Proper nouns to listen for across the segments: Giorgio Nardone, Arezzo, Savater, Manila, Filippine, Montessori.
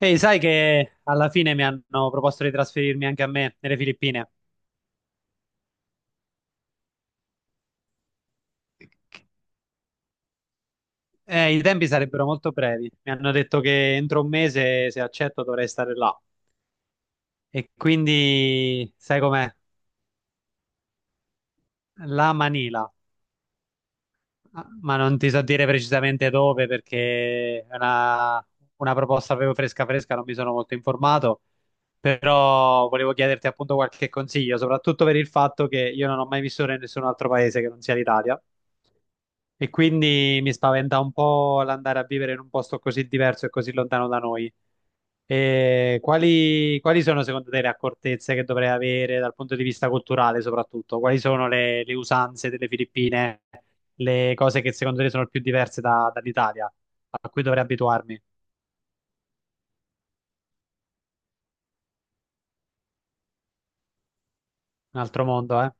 Ehi, sai che alla fine mi hanno proposto di trasferirmi anche a me nelle Filippine. I tempi sarebbero molto brevi. Mi hanno detto che entro un mese, se accetto, dovrei stare là. E quindi, sai com'è? La Manila. Ah, ma non ti so dire precisamente dove perché è una proposta proprio fresca fresca, non mi sono molto informato. Però volevo chiederti appunto qualche consiglio, soprattutto per il fatto che io non ho mai vissuto in nessun altro paese che non sia l'Italia e quindi mi spaventa un po' l'andare a vivere in un posto così diverso e così lontano da noi. E quali sono secondo te le accortezze che dovrei avere dal punto di vista culturale, soprattutto? Quali sono le usanze delle Filippine, le cose che secondo te sono più diverse dall'Italia, a cui dovrei abituarmi? Un altro mondo, eh?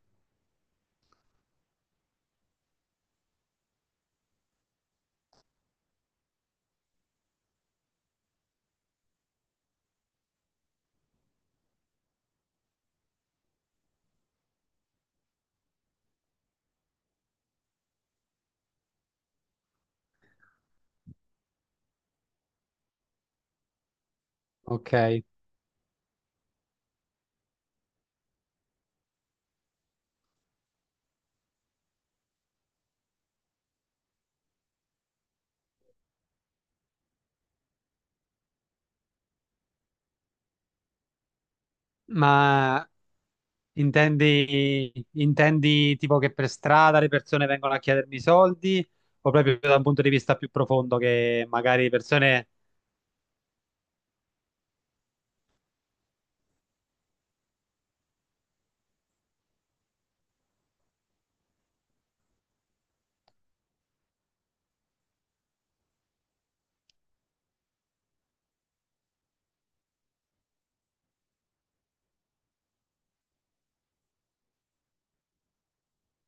Ok. Ma intendi tipo che per strada le persone vengono a chiedermi soldi o proprio da un punto di vista più profondo che magari persone...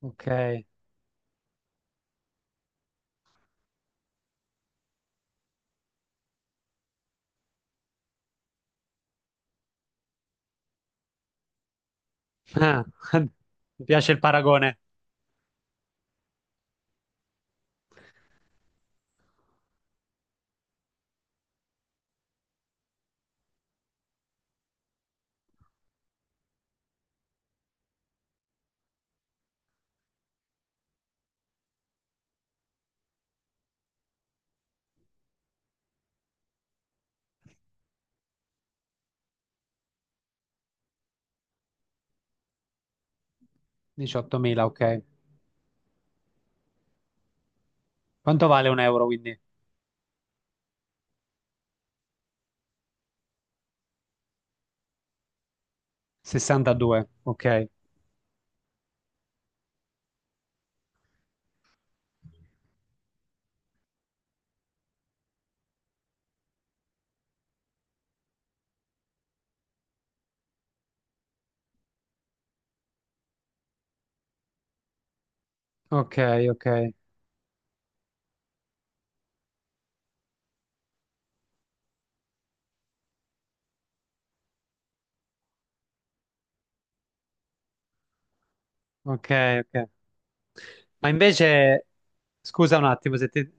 Ok, ah, mi piace il paragone. 18.000, ok. Quanto vale un euro quindi? 62, ok. Ok, ok, ok, ok. Ma invece, scusa un attimo se ti...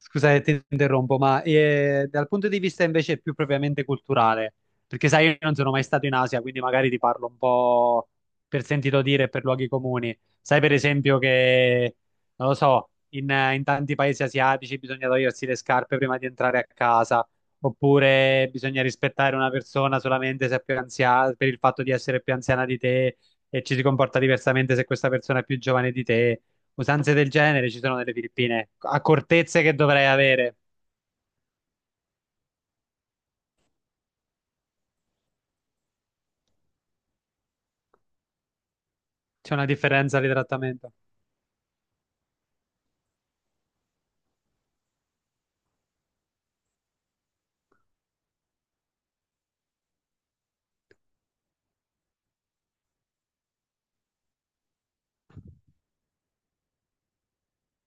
Scusa che ti interrompo, ma dal punto di vista invece più propriamente culturale, perché sai, io non sono mai stato in Asia, quindi magari ti parlo un po' per sentito dire e per luoghi comuni. Sai, per esempio, che non lo so, in tanti paesi asiatici bisogna togliersi le scarpe prima di entrare a casa, oppure bisogna rispettare una persona solamente se è più anziana, per il fatto di essere più anziana di te e ci si comporta diversamente se questa persona è più giovane di te. Usanze del genere ci sono nelle Filippine, accortezze che dovrei avere. C'è una differenza di trattamento.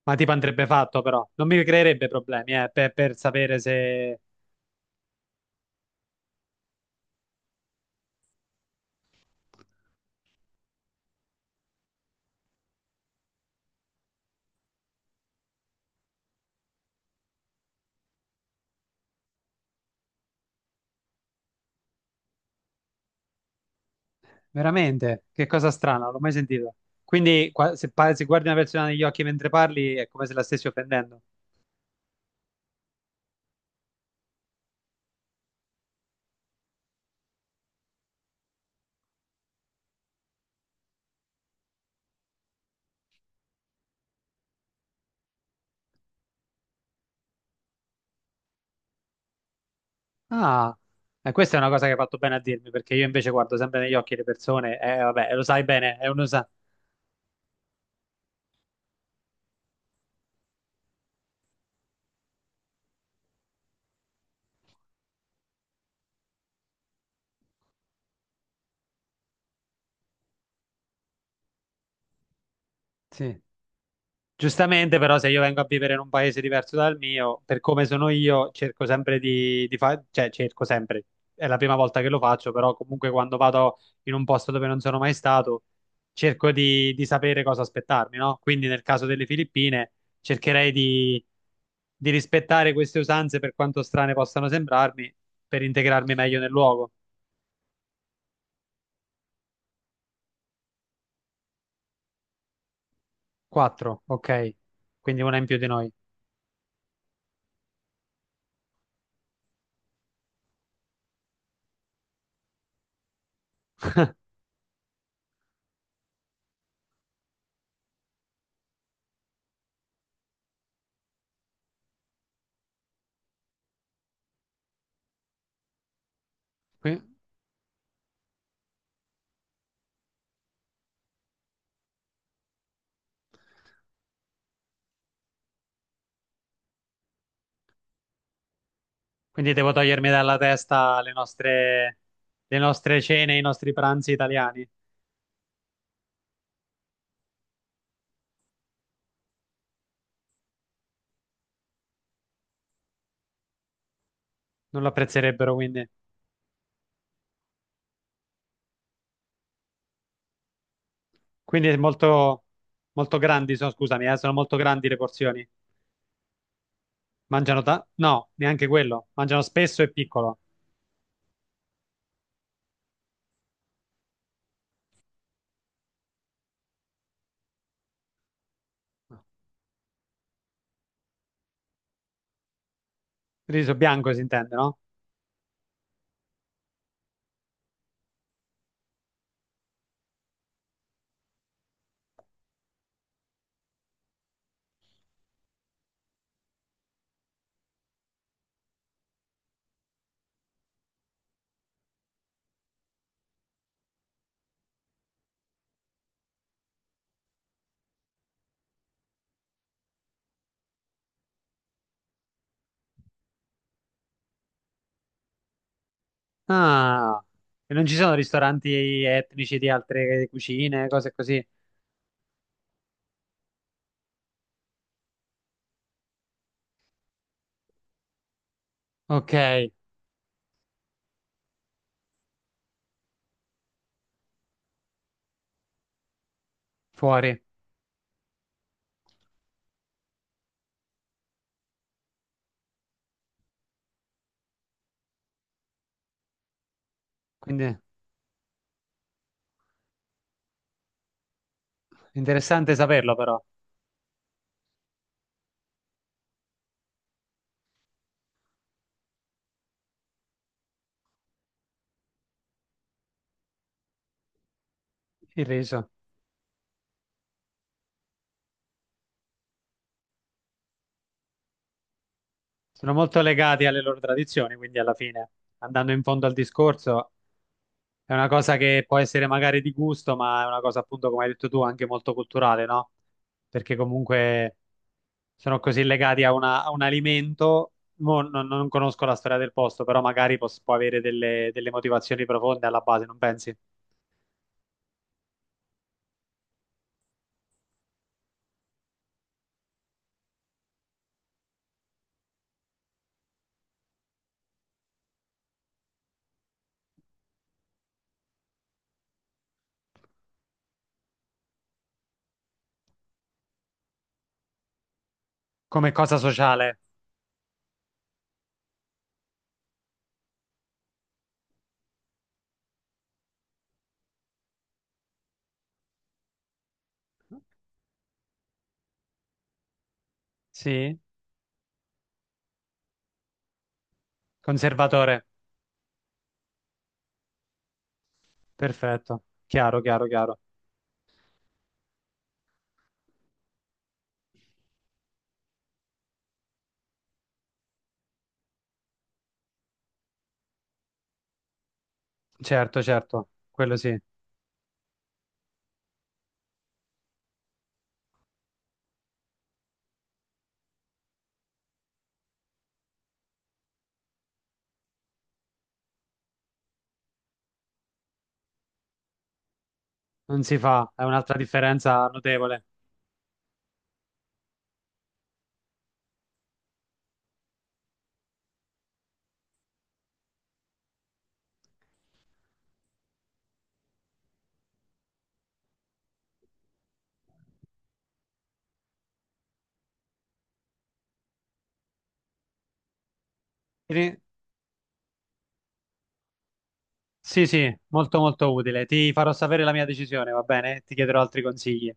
Ma tipo andrebbe fatto però, non mi creerebbe problemi per sapere se... Veramente, che cosa strana, non l'ho mai sentito. Quindi se guardi una persona negli occhi mentre parli è come se la stessi offendendo. Ah, e questa è una cosa che hai fatto bene a dirmi, perché io invece guardo sempre negli occhi le persone e vabbè, lo sai bene, è uno sa. Sì. Giustamente, però, se io vengo a vivere in un paese diverso dal mio, per come sono io, cerco sempre di fare, cioè cerco sempre, è la prima volta che lo faccio, però comunque quando vado in un posto dove non sono mai stato, cerco di sapere cosa aspettarmi, no? Quindi nel caso delle Filippine, cercherei di rispettare queste usanze per quanto strane possano sembrarmi, per integrarmi meglio nel luogo. Quattro, ok, quindi una in più di noi. Qui- Quindi devo togliermi dalla testa le nostre cene, i nostri pranzi italiani. Non lo apprezzerebbero, quindi. Quindi è molto, molto grandi, sono, scusami, sono molto grandi le porzioni. No, neanche quello. Mangiano spesso e piccolo. Riso bianco si intende, no? Ah, e non ci sono ristoranti etnici di altre cucine, cose così. Ok, fuori. Quindi interessante saperlo però, il riso. Sono molto legati alle loro tradizioni, quindi alla fine, andando in fondo al discorso, è una cosa che può essere magari di gusto, ma è una cosa appunto, come hai detto tu, anche molto culturale, no? Perché comunque sono così legati a un alimento. Mo non conosco la storia del posto, però magari può avere delle motivazioni profonde alla base, non pensi? Come cosa sociale? Sì, conservatore. Perfetto. Chiaro, chiaro, chiaro. Certo, certo, quello sì. Non si fa, è un'altra differenza notevole. Ri- Sì, sì, molto molto utile. Ti farò sapere la mia decisione, va bene? Ti chiederò altri consigli.